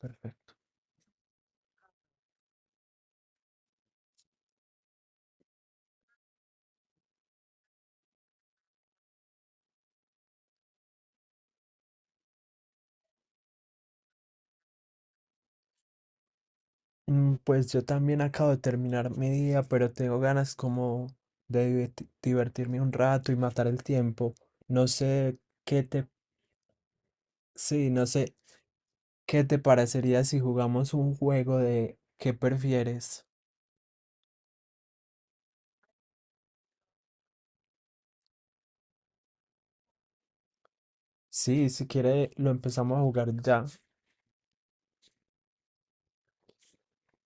Perfecto. Pues yo también acabo de terminar mi día, pero tengo ganas como de divertirme un rato y matar el tiempo. No sé qué te, sí, no sé qué te parecería si jugamos un juego de qué prefieres. Sí, si quiere lo empezamos a jugar ya.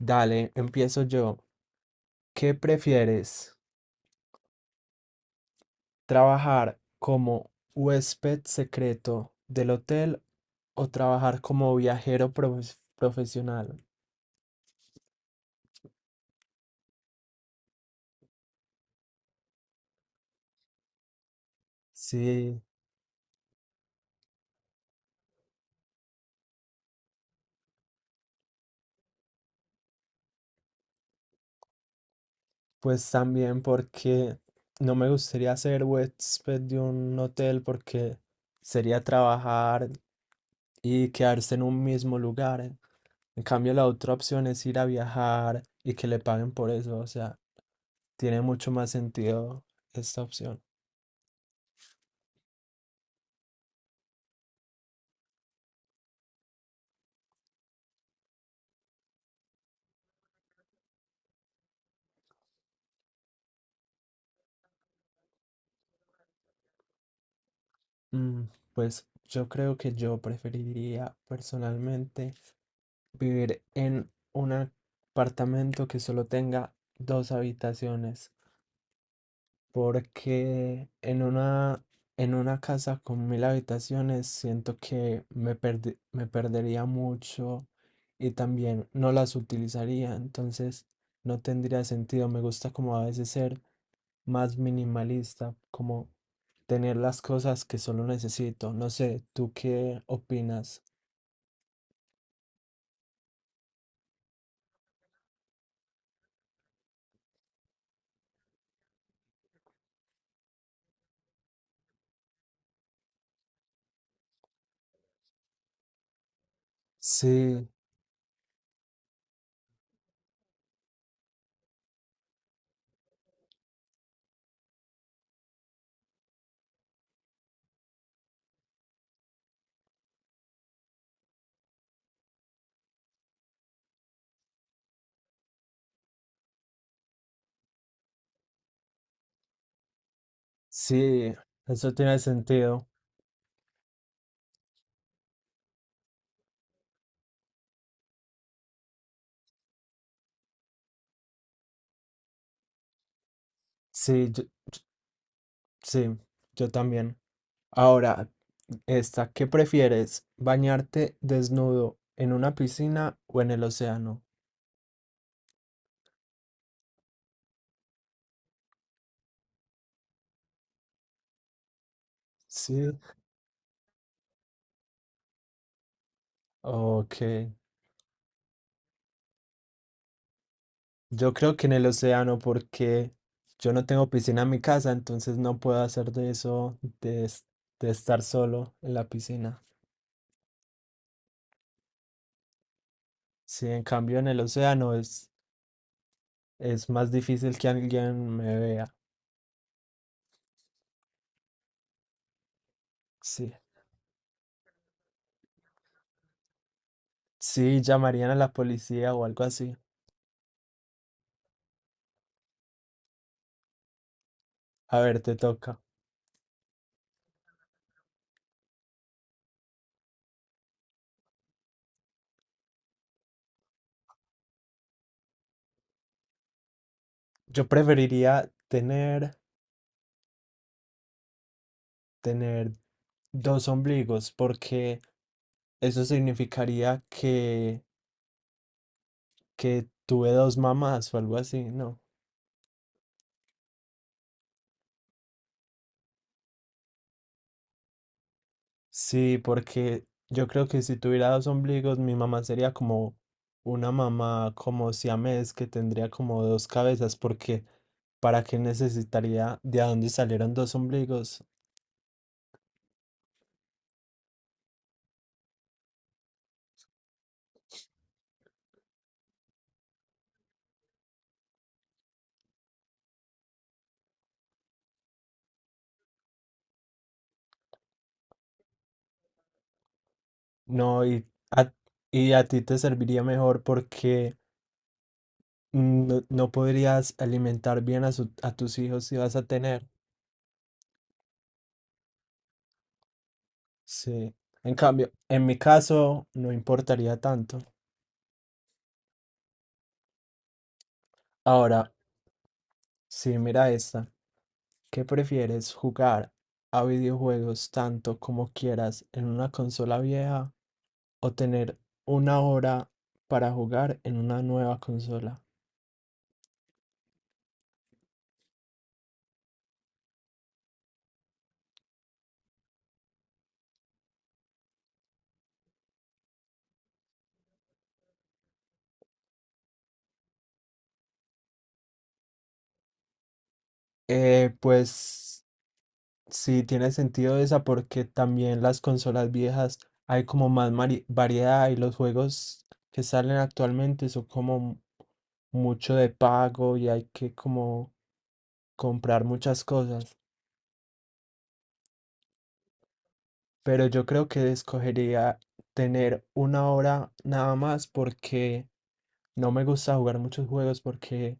Dale, empiezo yo. ¿Qué prefieres? ¿Trabajar como huésped secreto del hotel o trabajar como viajero profesional? Sí, pues también porque no me gustaría ser huésped de un hotel porque sería trabajar y quedarse en un mismo lugar. En cambio, la otra opción es ir a viajar y que le paguen por eso. O sea, tiene mucho más sentido esta opción. Mm, Pues yo creo que yo preferiría personalmente vivir en un apartamento que solo tenga dos habitaciones, porque en una casa con 1000 habitaciones siento que me me perdería mucho y también no las utilizaría, entonces no tendría sentido. Me gusta como a veces ser más minimalista, como tener las cosas que solo necesito. No sé, ¿tú qué opinas? Sí, sí, eso tiene sentido. Sí, yo, sí, yo también. Ahora, esta, ¿qué prefieres? ¿Bañarte desnudo en una piscina o en el océano? Sí, ok. Yo creo que en el océano porque yo no tengo piscina en mi casa, entonces no puedo hacer de eso, de, de estar solo en la piscina. Sí, en cambio en el océano es más difícil que alguien me vea. Sí, sí, llamarían a la policía o algo así. A ver, te toca. Yo preferiría tener, tener dos ombligos porque eso significaría que tuve dos mamás o algo así, ¿no? Sí, porque yo creo que si tuviera dos ombligos, mi mamá sería como una mamá como siamés que tendría como dos cabezas, porque ¿para qué necesitaría de a dónde salieron dos ombligos? No, a, y a ti te serviría mejor porque no, no podrías alimentar bien a, a tus hijos si vas a tener. Sí. En cambio, en mi caso, no importaría tanto. Ahora, sí, mira esta. ¿Qué prefieres, jugar a videojuegos tanto como quieras en una consola vieja o tener 1 hora para jugar en una nueva consola? Pues sí, tiene sentido esa porque también las consolas viejas hay como más variedad y los juegos que salen actualmente son como mucho de pago y hay que como comprar muchas cosas. Pero yo creo que escogería tener 1 hora nada más porque no me gusta jugar muchos juegos porque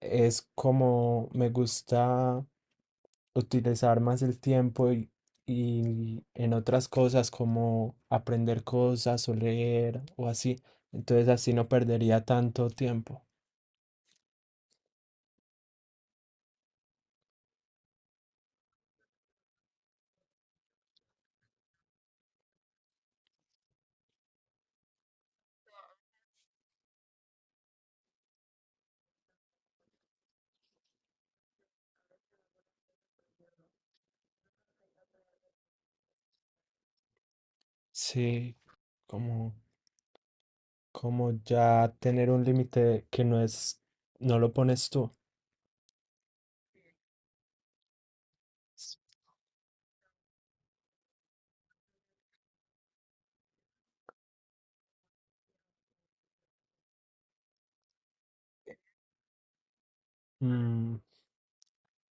es como me gusta utilizar más el tiempo y en otras cosas como aprender cosas o leer o así. Entonces así no perdería tanto tiempo. Sí, como, como ya tener un límite que no es, no lo pones tú. mm,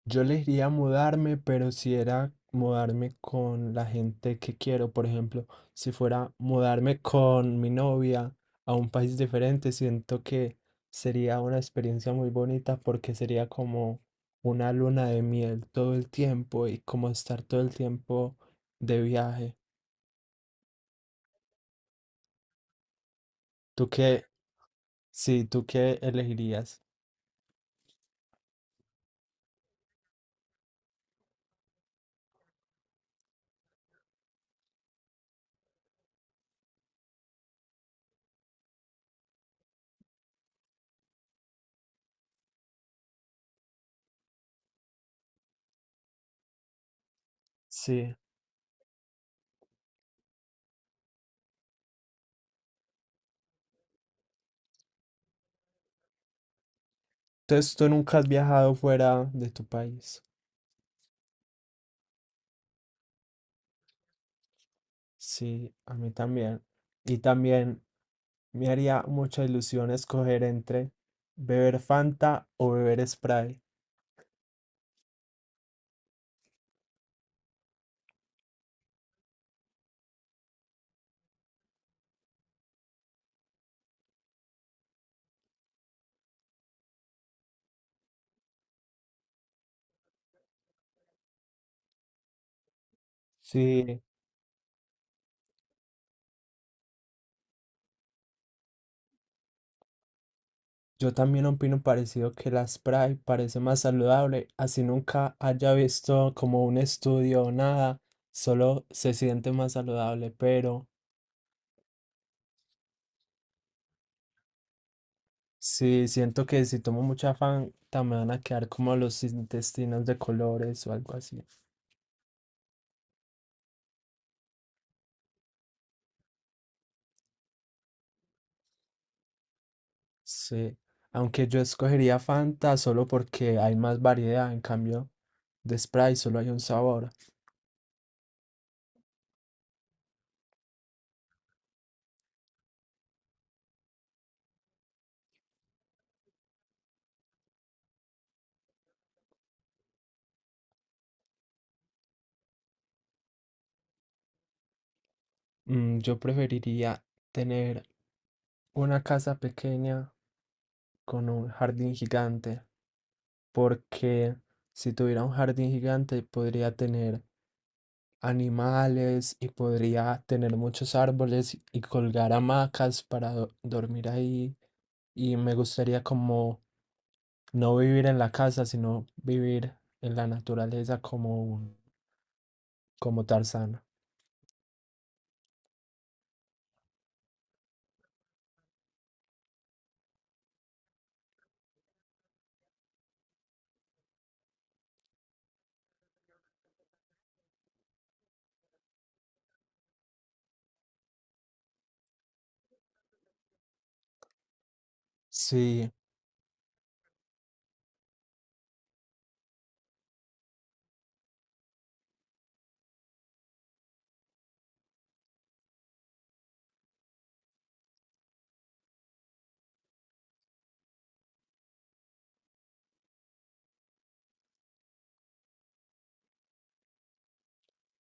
Yo le diría mudarme, pero si era mudarme con la gente que quiero, por ejemplo, si fuera mudarme con mi novia a un país diferente, siento que sería una experiencia muy bonita porque sería como una luna de miel todo el tiempo y como estar todo el tiempo de viaje. ¿Tú qué? Sí, ¿tú qué elegirías? Sí. Entonces, tú nunca has viajado fuera de tu país. Sí, a mí también. Y también me haría mucha ilusión escoger entre beber Fanta o beber Sprite. Sí, yo también opino parecido que la Sprite parece más saludable, así nunca haya visto como un estudio o nada, solo se siente más saludable, pero sí siento que si tomo mucha Fanta me van a quedar como los intestinos de colores o algo así. Sí, aunque yo escogería Fanta solo porque hay más variedad, en cambio de Sprite solo hay un sabor. Yo preferiría tener una casa pequeña con un jardín gigante, porque si tuviera un jardín gigante podría tener animales y podría tener muchos árboles y colgar hamacas para dormir ahí. Y me gustaría como no vivir en la casa, sino vivir en la naturaleza como como Tarzán. Sí,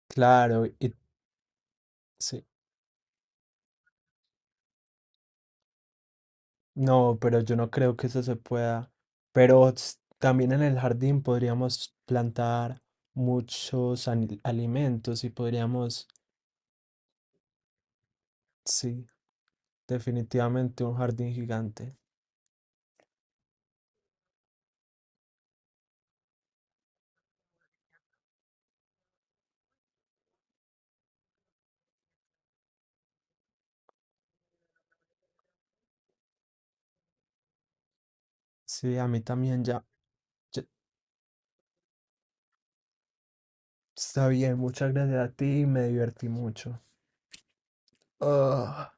claro, y sí. No, pero yo no creo que eso se pueda. Pero s- también en el jardín podríamos plantar muchos alimentos y podríamos, sí, definitivamente un jardín gigante. Sí, a mí también ya. ya- Está bien, muchas gracias a ti y me divertí mucho. Ah.